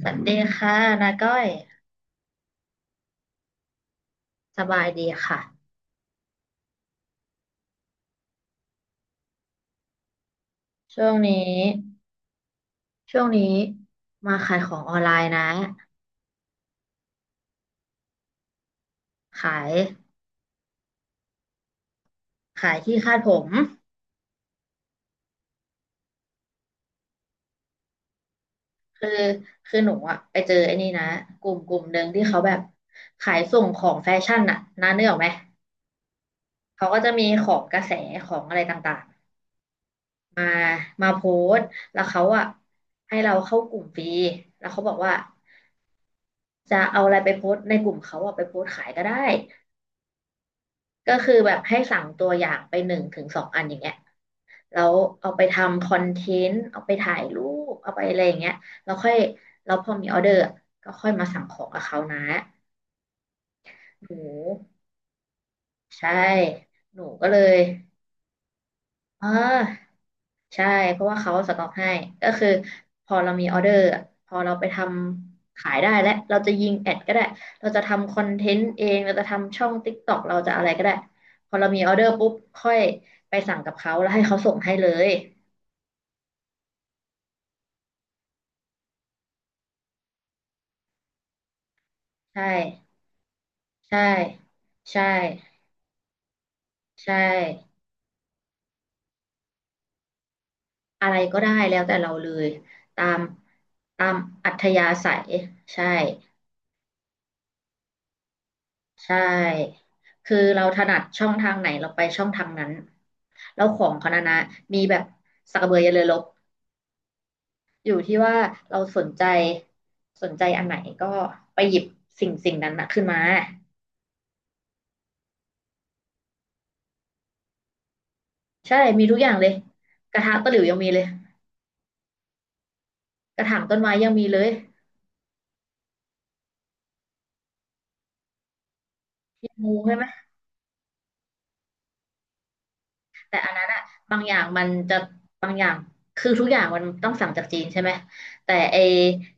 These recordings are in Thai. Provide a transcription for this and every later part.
สวัสดีค่ะนาก้อยสบายดีค่ะช่วงนี้ช่วงนี้มาขายของออนไลน์นะขายขายที่คาดผมคือคือหนูอะไปเจอไอ้นี่นะกลุ่มหนึ่งที่เขาแบบขายส่งของแฟชั่นน่ะนาเนื้อออกไหมเขาก็จะมีของกระแสของอะไรต่างๆมาโพสต์แล้วเขาอะให้เราเข้ากลุ่มฟรีแล้วเขาบอกว่าจะเอาอะไรไปโพสต์ในกลุ่มเขาอะไปโพสต์ขายก็ได้ ก็คือแบบให้สั่งตัวอย่างไปหนึ่งถึงสองอันอย่างเงี้ยแล้วเอาไปทำคอนเทนต์เอาไปถ่ายรูปเอาไปอะไรอย่างเงี้ยแล้วค่อยแล้วพอมีออเดอร์อะก็ค่อยมาสั่งของกับเขานะหนูใช่หนูก็เลยอ่า ใช่เพราะว่าเขาสต็อกให้ก็คือพอเรามีออเดอร์อะพอเราไปทำขายได้และเราจะยิงแอดก็ได้เราจะทำคอนเทนต์เองเราจะทำช่อง TikTok เราจะอะไรก็ได้พอเรามีออเดอร์ปุ๊บค่อยไปสั่งกับเขาแล้วให้เขาส่งให้เลยใช่ใช่ใช่ใช่อะไรก็ได้แล้วแต่เราเลยตามตามอัธยาศัยใช่ ใช่คือเราถนัดช่องทางไหนเราไปช่องทางนั้นแล้วของเขานะมีแบบสักกระเบือยันเรือรบอยู่ที่ว่าเราสนใจอันไหนก็ไปหยิบสิ่งนั้นนะขึ้นมาใช่มีทุกอย่างเลยกระทะตะหลิวยังมีเลยกระถางต้นไม้ยังมีเลยงูใช่ไหมบางอย่างมันจะบางอย่างคือทุกอย่างมันต้องสั่งจากจีนใช่ไหมแต่ไอ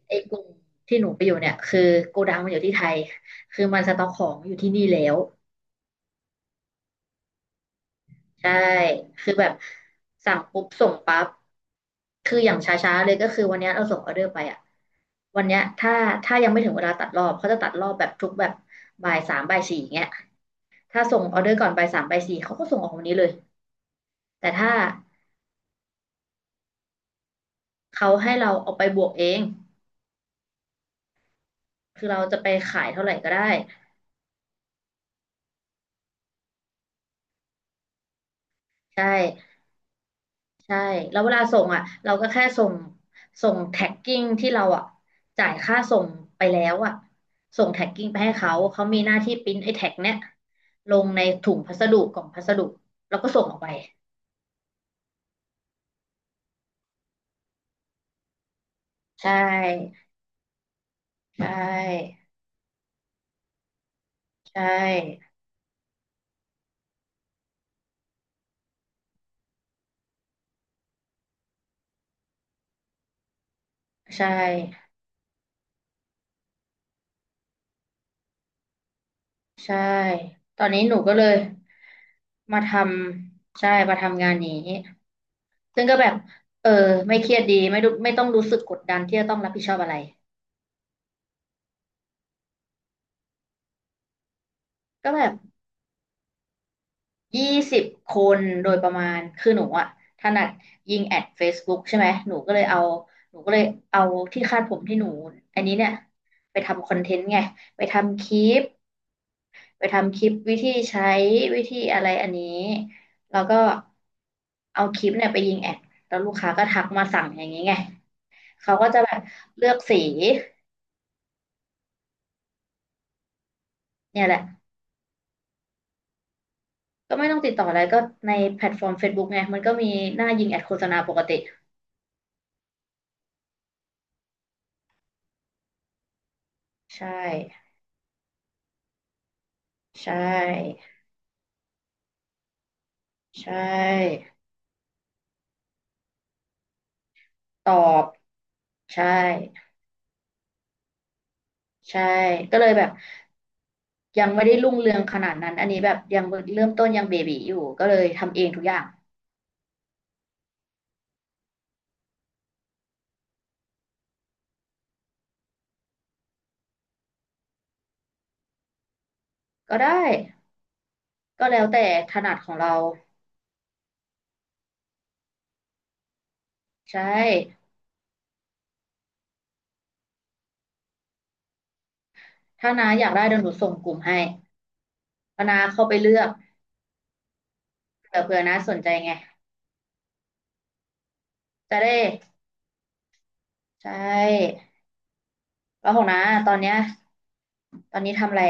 ไอกลุ่มที่หนูไปอยู่เนี่ยคือโกดังมันอยู่ที่ไทยคือมันสต็อกของอยู่ที่นี่แล้ว ใช่ คือแบบสั่งปุ๊บส่งปั๊บคืออย่างช้าๆเลยก็คือวันเนี้ยเราส่งออเดอร์ไปอ่ะวันเนี้ยถ้ายังไม่ถึงเวลาตัดรอบเขาจะตัดรอบแบบทุกแบบบ่ายสามบ่ายสี่อย่างเงี้ยถ้าส่งออเดอร์ก่อนบ่ายสามบ่ายสี่เขาก็ส่งออกวันนี้เลย แต่ถ้าเขาให้เราเอาไปบวกเองคือเราจะไปขายเท่าไหร่ก็ได้ใช่ ใช่แล้วเวลาส่งอ่ะเราก็แค่ส่งส่งแท็กกิ้งที่เราอ่ะจ่ายค่าส่งไปแล้วอ่ะส่งแท็กกิ้งไปให้เขาเขามีหน้าที่ปริ้นไอ้แท็กเนี้ยลงในถุงพัสดุกล่องพัสดุแล้วก็ส่งออกไปใช่ใช่ใช่ใช่ใช่ตอนนี้หนูก็เลยมาทำใช่มาทำงานนี้ซึ่งก็แบบเออไม่เครียดดีไม่รู้ไม่ต้องรู้สึกกดดันที่จะต้องรับผิดชอบอะไรก็แบบ 20คนโดยประมาณคือหนูอะถนัดยิงแอด Facebook ใช่ไหมหนูก็เลยเอาหนูก็เลยเอาที่คาดผมที่หนูอันนี้เนี่ยไปทำคอนเทนต์ไงไปทำคลิปไปทำคลิปวิธีใช้วิธีอะไรอันนี้แล้วก็เอาคลิปเนี่ยไปยิงแอดแล้วลูกค้าก็ทักมาสั่งอย่างนี้ไงเขาก็จะแบบเลือกสีเนี่ยแหละก็ไม่ต้องติดต่ออะไรก็ในแพลตฟอร์ม Facebook ไงมันก็มีหน้ายิงแอดโฆษณาปกติใช่ใช่ ใช่ตอบใช่ใช่ก็เลยแบบยังไม่ได้รุ่งเรืองขนาดนั้นอันนี้แบบยังเริ่มต้นยังเบบีอยู่ก็เลยทำเองทุกอย่างก็ได้ก็แล้วแต่ถนัดของเราใช่ถ้าน้าอยากได้เดี๋ยวหนูส่งกลุ่มให้าน้าเข้าไปเลือกเผื่อน้าสนใจไงจะได้ใช่แล้วของน้าตอนเนี้ยตอนนี้ทำอะไร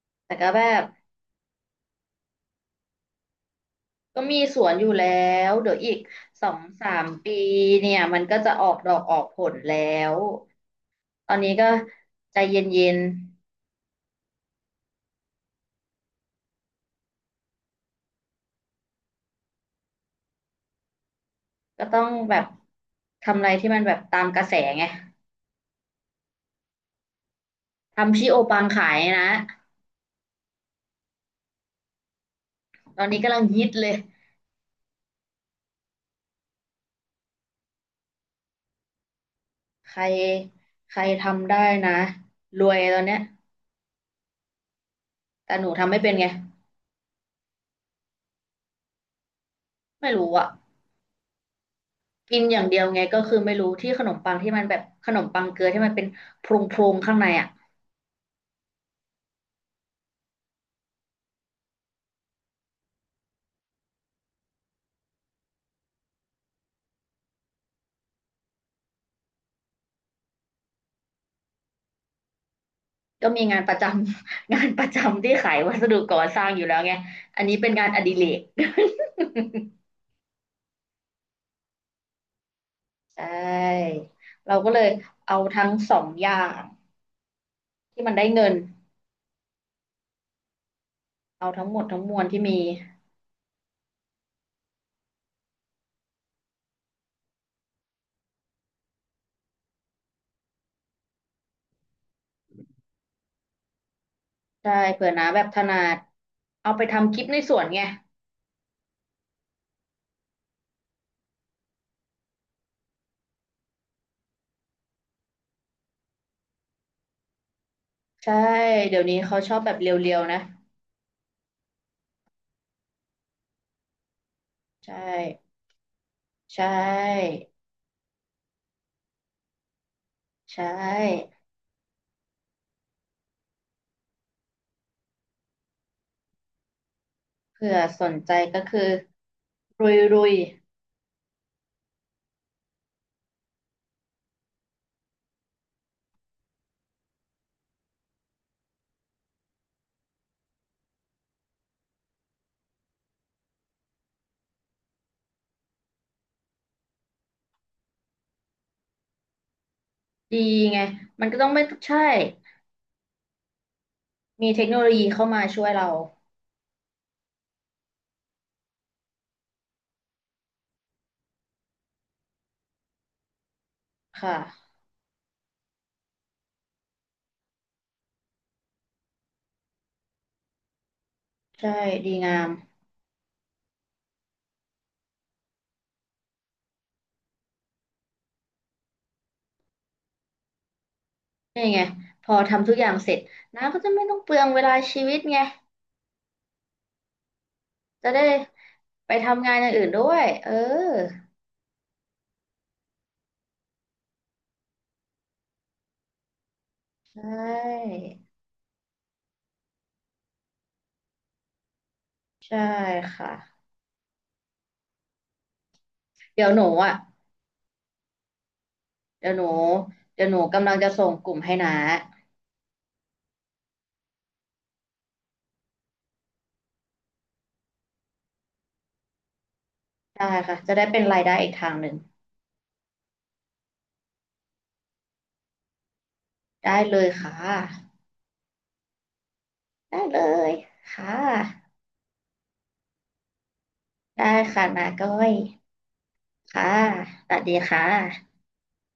แต่ก็แบบ ก็มีสวนอยู่แล้วเดี๋ยวอีกสองสามปีเนี่ยมันก็จะออกดอกออกผลแล้วตอนนี้ก็ใจเย็นๆก็ต้องแบบทำอะไรที่มันแบบตามกระแสไงทำชิโอปังขายนะตอนนี้กำลังฮิตเลยใครใครทำได้นะรวยตอนเนี้ยแต่หนูทำไม่เป็นไงไม่รู้อ่ะกินอย่างเดียวไงก็คือไม่รู้ที่ขนมปังที่มันแบบขนมปังเกลือที่มันเป็นโพรงๆข้างในอ่ะ ก็มีงานประจำ งานประจำที่ขายวัสดุก่อสร้างอยู่แล้วไงอันนี้เป็นงานอดิเรก ใช่เราก็เลยเอาทั้งสองอย่างที่มันได้เงินเอาทั้งหมดทั้งมวลที่มีใช่เผื่อน้าแบบถนัดเอาไปทำคลิปในสวนไงใช่เดี๋ยวนี้เขาชอบแบบเรียวๆนะใช่ใช่ใช่เผื่อสนใจก็คือรุยรุยดีไงมันก็ต้องไม่ใช่มีเทคโนโลยีเข้ามาช่วยเราค่ะ ใช่ดีงามนี่ไงพอทำทุกอย่างเสร็จน้าก็จะไม่ต้องเปลืองเวลาชีวิตไงจะได้ไปทำงานอย่างอื่นด้วยเออใช่ใช่ค่ะเดี๋ยวหนูอ่ะเดี๋ยวหนูเดี๋ยวหนูกำลังจะส่งกลุ่มให้น้าได้ค่ะจะได้เป็นรายได้อีกทางหนึ่งได้เลยค่ะได้เลยค่ะได้ค่ะน้าก้อยค่ะสวัสดีค่ะ